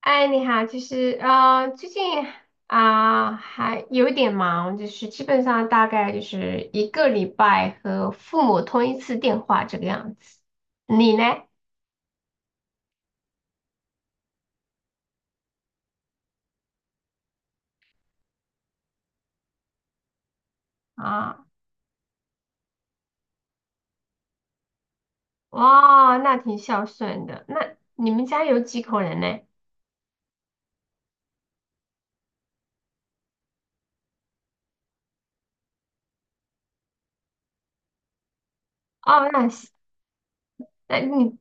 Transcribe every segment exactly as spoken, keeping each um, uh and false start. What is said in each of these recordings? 哎，你好，就是啊，最近啊、还有一点忙，就是基本上大概就是一个礼拜和父母通一次电话这个样子。你呢？啊，哇，那挺孝顺的。那你们家有几口人呢？哦，那是那你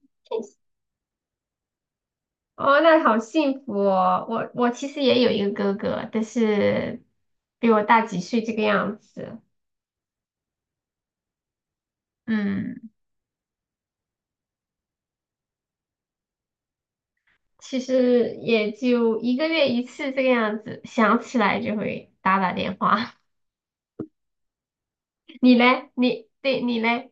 哦，那好幸福哦。我我其实也有一个哥哥，但是比我大几岁这个样子。嗯。其实也就一个月一次这个样子，想起来就会打打电话。你嘞？你对你嘞？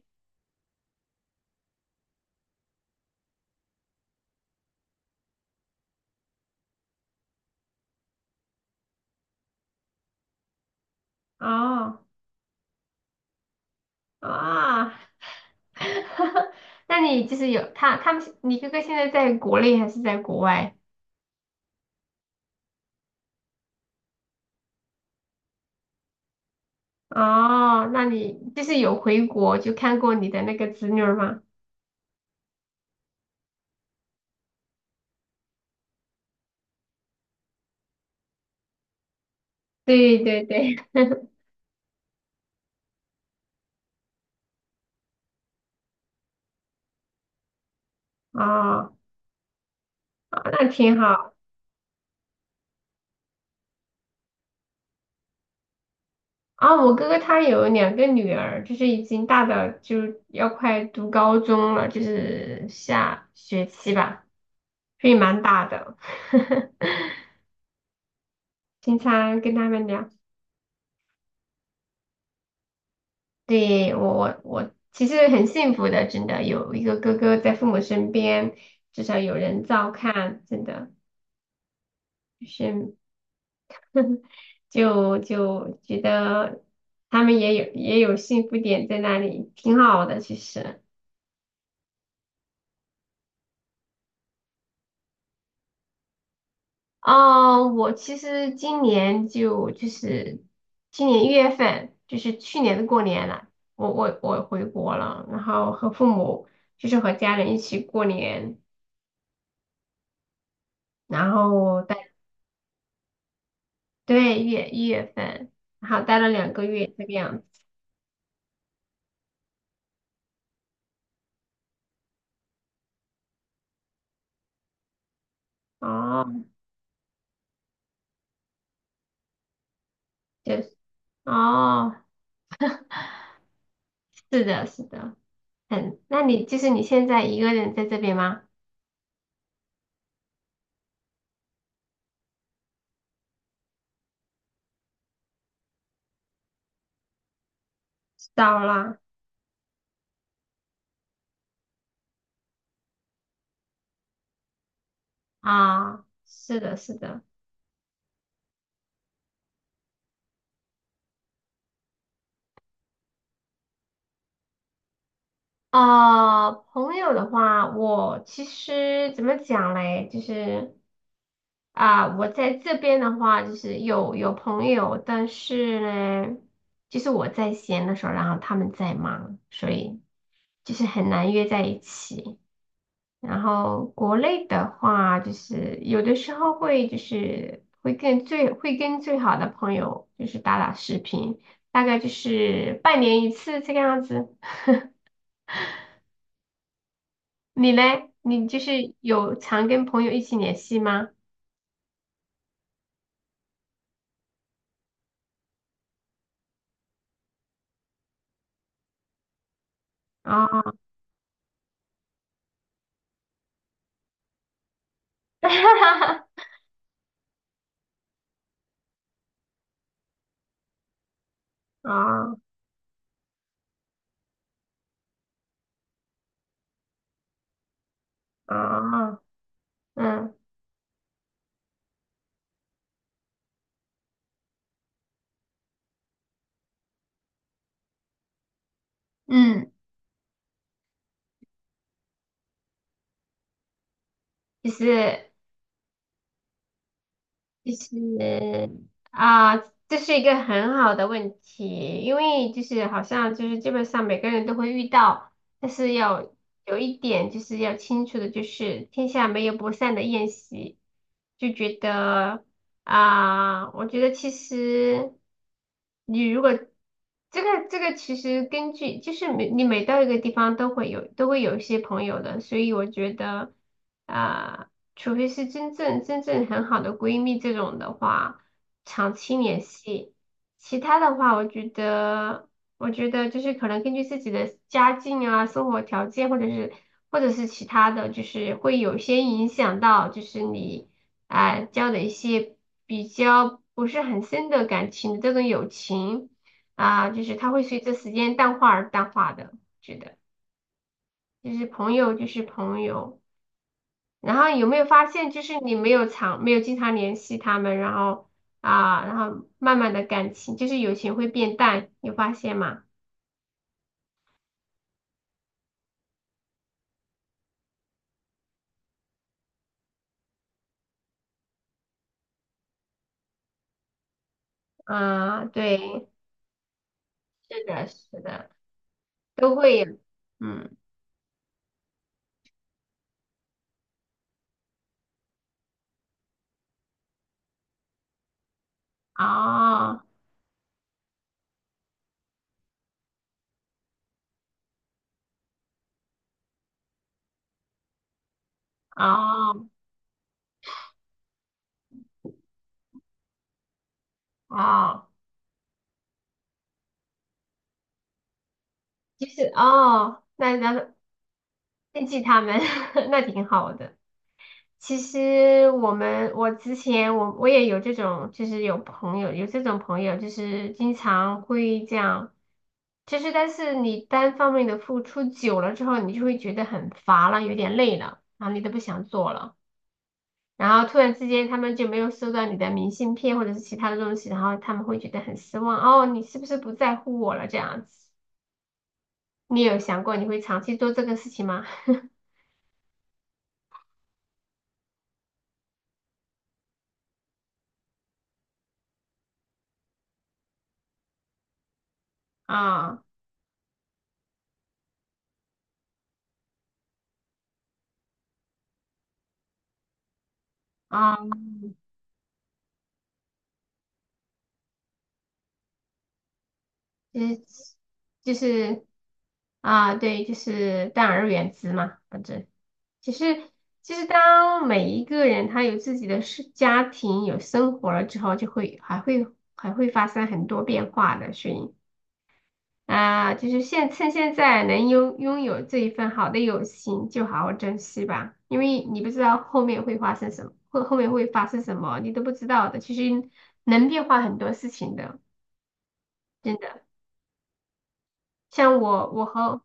哦啊，那你就是有他他们是你哥哥现在在国内还是在国外？哦，那你就是有回国就看过你的那个侄女儿吗？对对对，哦，啊那挺好。啊，我哥哥他有两个女儿，就是已经大的，就要快读高中了，就是下学期吧，所以蛮大的。经常跟他们聊，对，我我我其实很幸福的，真的有一个哥哥在父母身边，至少有人照看，真的就是 就就觉得他们也有也有幸福点在那里，挺好的其实。啊，我其实今年就就是今年一月份，就是去年的过年了，我我我回国了，然后和父母就是和家人一起过年，然后待对一月一月份，然后待了两个月这个样子。哦，就是哦，是的，是的，很那你就是你现在一个人在这边吗？少了啊，是的，是的。啊、朋友的话，我其实怎么讲嘞？就是啊、我在这边的话，就是有有朋友，但是呢，就是我在闲的时候，然后他们在忙，所以就是很难约在一起。然后国内的话，就是有的时候会就是会跟最会跟最好的朋友就是打打视频，大概就是半年一次这个样子。你嘞？你就是有常跟朋友一起联系吗？啊 啊啊啊！嗯嗯，就是就是啊，这是一个很好的问题，因为就是好像就是基本上每个人都会遇到，但是要有一点就是要清楚的，就是天下没有不散的宴席，就觉得啊，我觉得其实你如果这个这个其实根据就是每你每到一个地方都会有都会有一些朋友的，所以我觉得啊。除非是真正真正很好的闺蜜这种的话，长期联系。其他的话，我觉得，我觉得就是可能根据自己的家境啊、生活条件，或者是或者是其他的，就是会有些影响到，就是你啊、交的一些比较不是很深的感情的这种友情啊、就是它会随着时间淡化而淡化的。觉得就是朋友就是朋友。然后有没有发现，就是你没有常没有经常联系他们，然后啊，然后慢慢的感情就是友情会变淡，有发现吗？啊，对，是的，是的，都会有，嗯，哦，哦，哦，就是哦，那那惦记他们，那挺好的。其实我们，我之前我我也有这种，就是有朋友有这种朋友，就是经常会这样，其实，但是你单方面的付出久了之后，你就会觉得很乏了，有点累了，然后你都不想做了，然后突然之间他们就没有收到你的明信片或者是其他的东西，然后他们会觉得很失望，哦，你是不是不在乎我了这样子？你有想过你会长期做这个事情吗？啊啊。就是就是啊，对，就是淡而远之嘛，反正其实其实当每一个人他有自己的事、家庭、有生活了之后，就会还会还会发生很多变化的，所以啊，就是现趁现在能拥拥有这一份好的友情，就好好珍惜吧，因为你不知道后面会发生什么，后后面会发生什么，你都不知道的，其实能变化很多事情的，真的。像我，我和，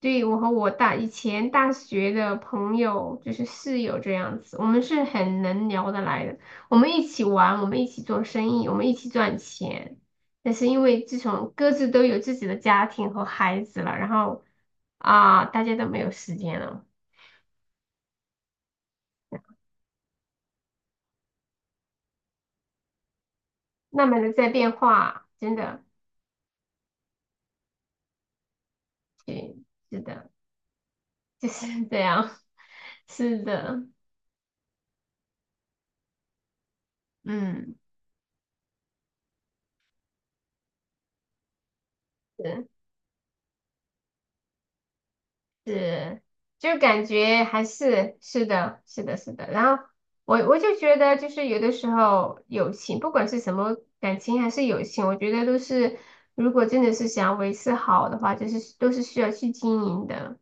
对，我和我大以前大学的朋友，就是室友这样子，我们是很能聊得来的。我们一起玩，我们一起做生意，我们一起赚钱。但是因为自从各自都有自己的家庭和孩子了，然后啊，大家都没有时间了，慢慢的在变化，真的，对，是的，就是这样，是的，嗯。是是，就感觉还是是的，是的，是的。然后我我就觉得，就是有的时候友情，不管是什么感情还是友情，我觉得都是，如果真的是想要维持好的话，就是都是需要去经营的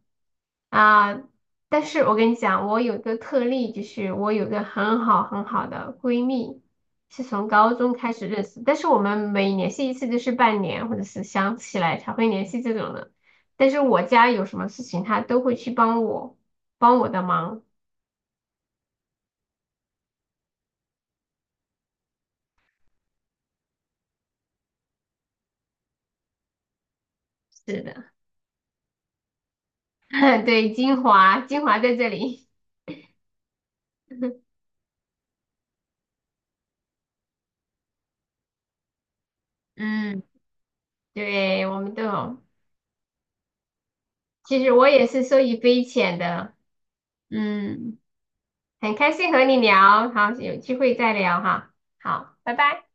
啊。但是我跟你讲，我有一个特例，就是我有个很好很好的闺蜜，是从高中开始认识，但是我们每联系一次就是半年，或者是想起来才会联系这种的。但是我家有什么事情，他都会去帮我，帮我的忙。是的，对，精华，精华在这里。嗯对，我们都有。其实我也是受益匪浅的。嗯，很开心和你聊，好，有机会再聊哈。好，拜拜。